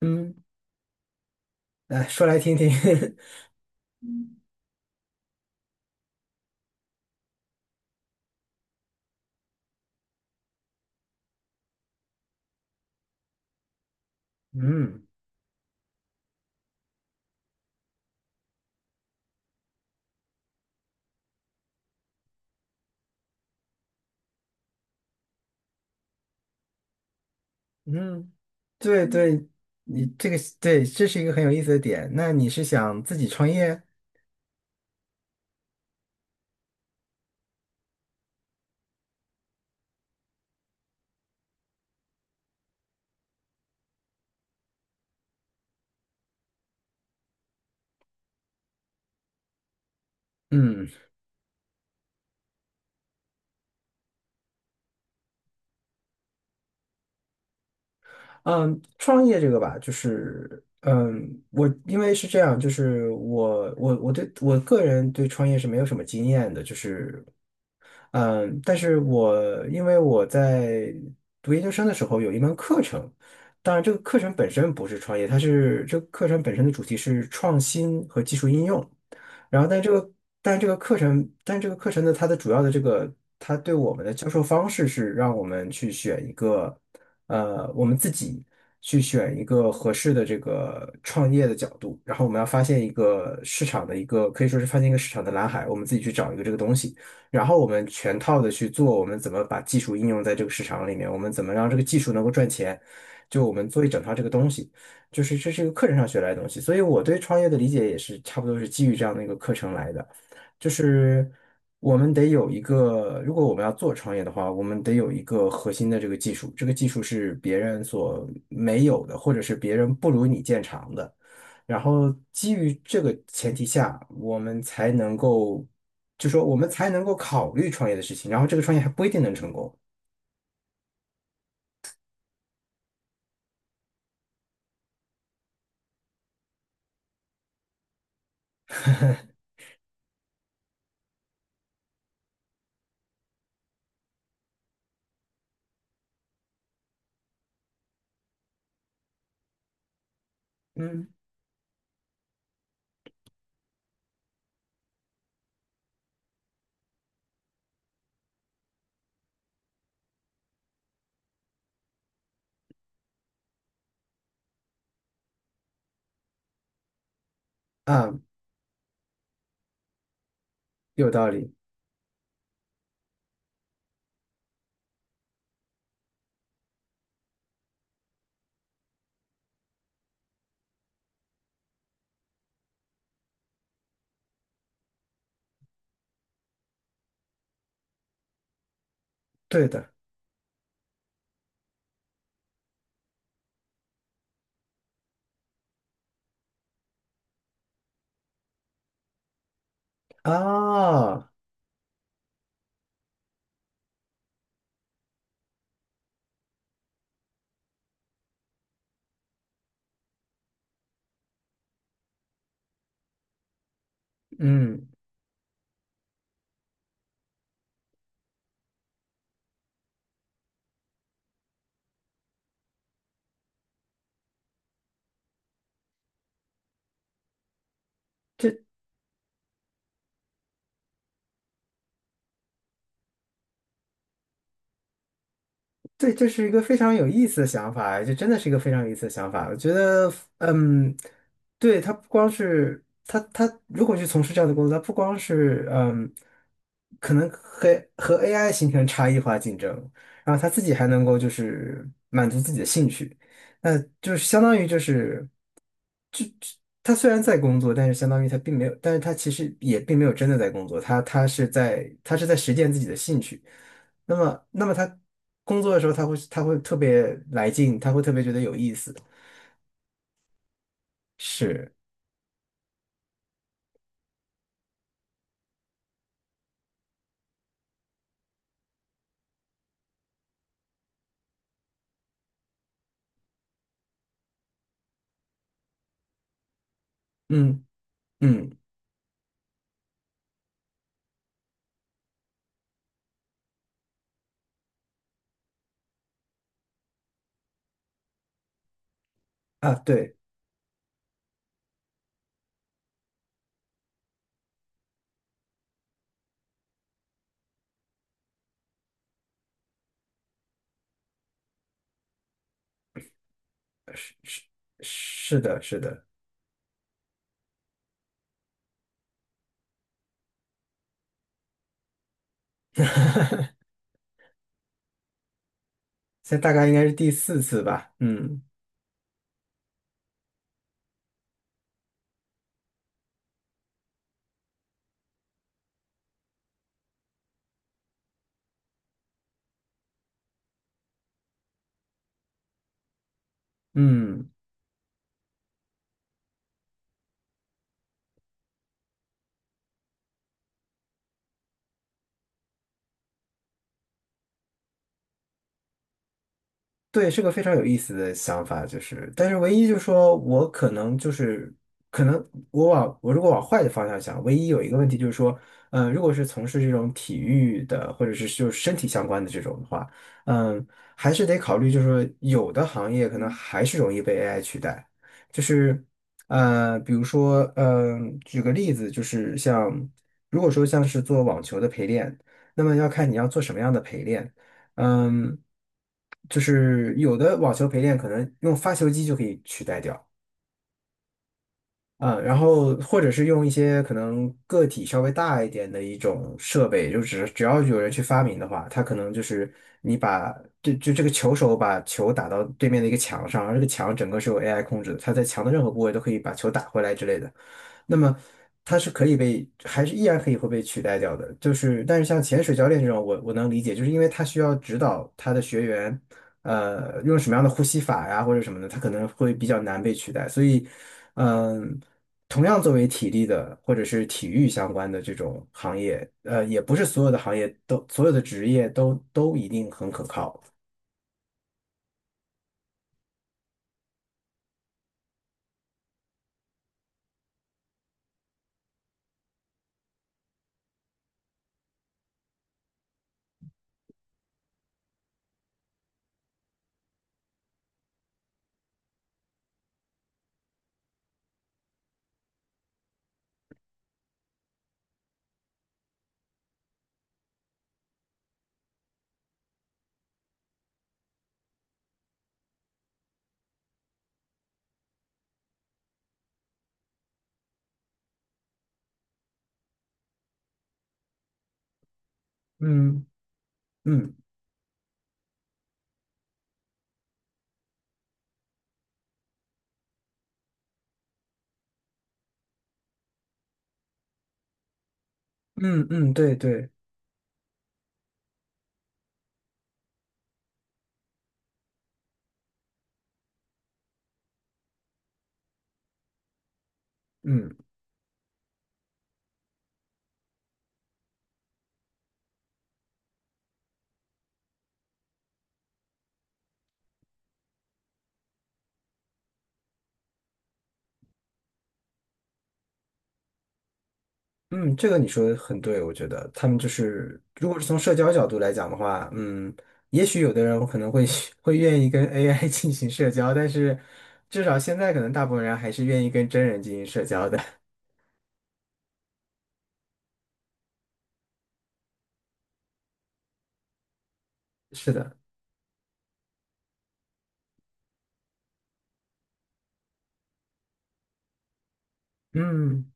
嗯，来说来听听。嗯嗯，对对，你这个对，这是一个很有意思的点。那你是想自己创业？嗯嗯，创业这个吧，就是嗯，我因为是这样，就是我对我个人对创业是没有什么经验的，就是嗯，但是我因为我在读研究生的时候有一门课程，当然这个课程本身不是创业，它是这个课程本身的主题是创新和技术应用。然后但这个课程呢它的主要的这个它对我们的教授方式是让我们去选一个我们自己去选一个合适的这个创业的角度，然后我们要发现一个市场的一个可以说是发现一个市场的蓝海，我们自己去找一个这个东西。然后我们全套的去做，我们怎么把技术应用在这个市场里面，我们怎么让这个技术能够赚钱，就我们做一整套这个东西，就是这是一个课程上学来的东西，所以我对创业的理解也是差不多是基于这样的一个课程来的，就是我们得有一个，如果我们要做创业的话，我们得有一个核心的这个技术，这个技术是别人所没有的，或者是别人不如你见长的。然后基于这个前提下，我们才能够就说我们才能够考虑创业的事情，然后这个创业还不一定能成功。嗯，啊，有道理，对的啊，嗯。这。对，这是一个非常有意思的想法，这真的是一个非常有意思的想法。我觉得，嗯，对，他不光是他如果去从事这样的工作，他不光是嗯，可能和AI 形成差异化竞争，然后他自己还能够就是满足自己的兴趣，那就是相当于就是，就就他虽然在工作，但是相当于他并没有，但是他其实也并没有真的在工作，他是在实践自己的兴趣。那么，那么他工作的时候，他会特别来劲，他会特别觉得有意思。是，嗯嗯啊，对，是是是的，是的，现在大概应该是第四次吧。嗯嗯。对，是个非常有意思的想法，就是，但是唯一就是说我可能就是，可能我如果往坏的方向想，唯一有一个问题就是说，嗯、如果是从事这种体育的或者是就是身体相关的这种的话，嗯、还是得考虑，就是说有的行业可能还是容易被 AI 取代，就是，呃，比如说，嗯、举个例子，就是像如果说像是做网球的陪练，那么要看你要做什么样的陪练。嗯，就是有的网球陪练可能用发球机就可以取代掉，嗯，然后或者是用一些可能个体稍微大一点的一种设备，就只要有人去发明的话，它可能就是你把这个球手把球打到对面的一个墙上，而这个墙整个是由 AI 控制的，它在墙的任何部位都可以把球打回来之类的。那么它是可以被，还是依然可以会被取代掉的。就是，但是像潜水教练这种，我能理解，就是因为他需要指导他的学员，呃，用什么样的呼吸法呀，或者什么的，他可能会比较难被取代。所以，嗯、同样作为体力的或者是体育相关的这种行业，呃，也不是所有的行业都所有的职业都一定很可靠。嗯嗯嗯嗯，对对，嗯嗯，这个你说的很对，我觉得他们就是，如果是从社交角度来讲的话，嗯，也许有的人可能会 会愿意跟 AI 进行社交，但是至少现在可能大部分人还是愿意跟真人进行社交的。是的，嗯，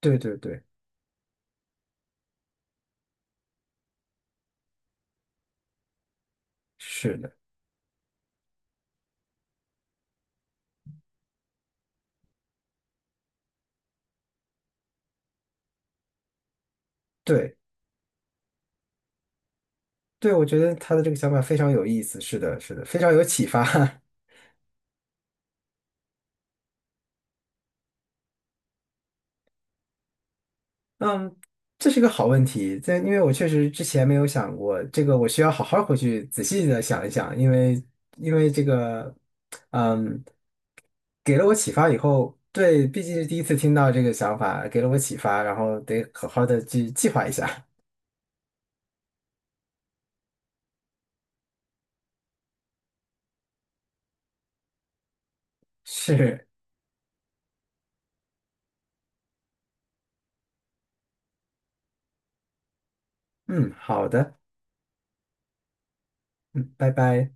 对对对，是的。对，对，我觉得他的这个想法非常有意思，是的，是的，非常有启发。嗯，这是一个好问题，这因为我确实之前没有想过这个，我需要好好回去仔细的想一想，因为因为这个，嗯，给了我启发以后，对，毕竟是第一次听到这个想法，给了我启发，然后得好好的去计划一下。是，嗯，好的，嗯，拜拜。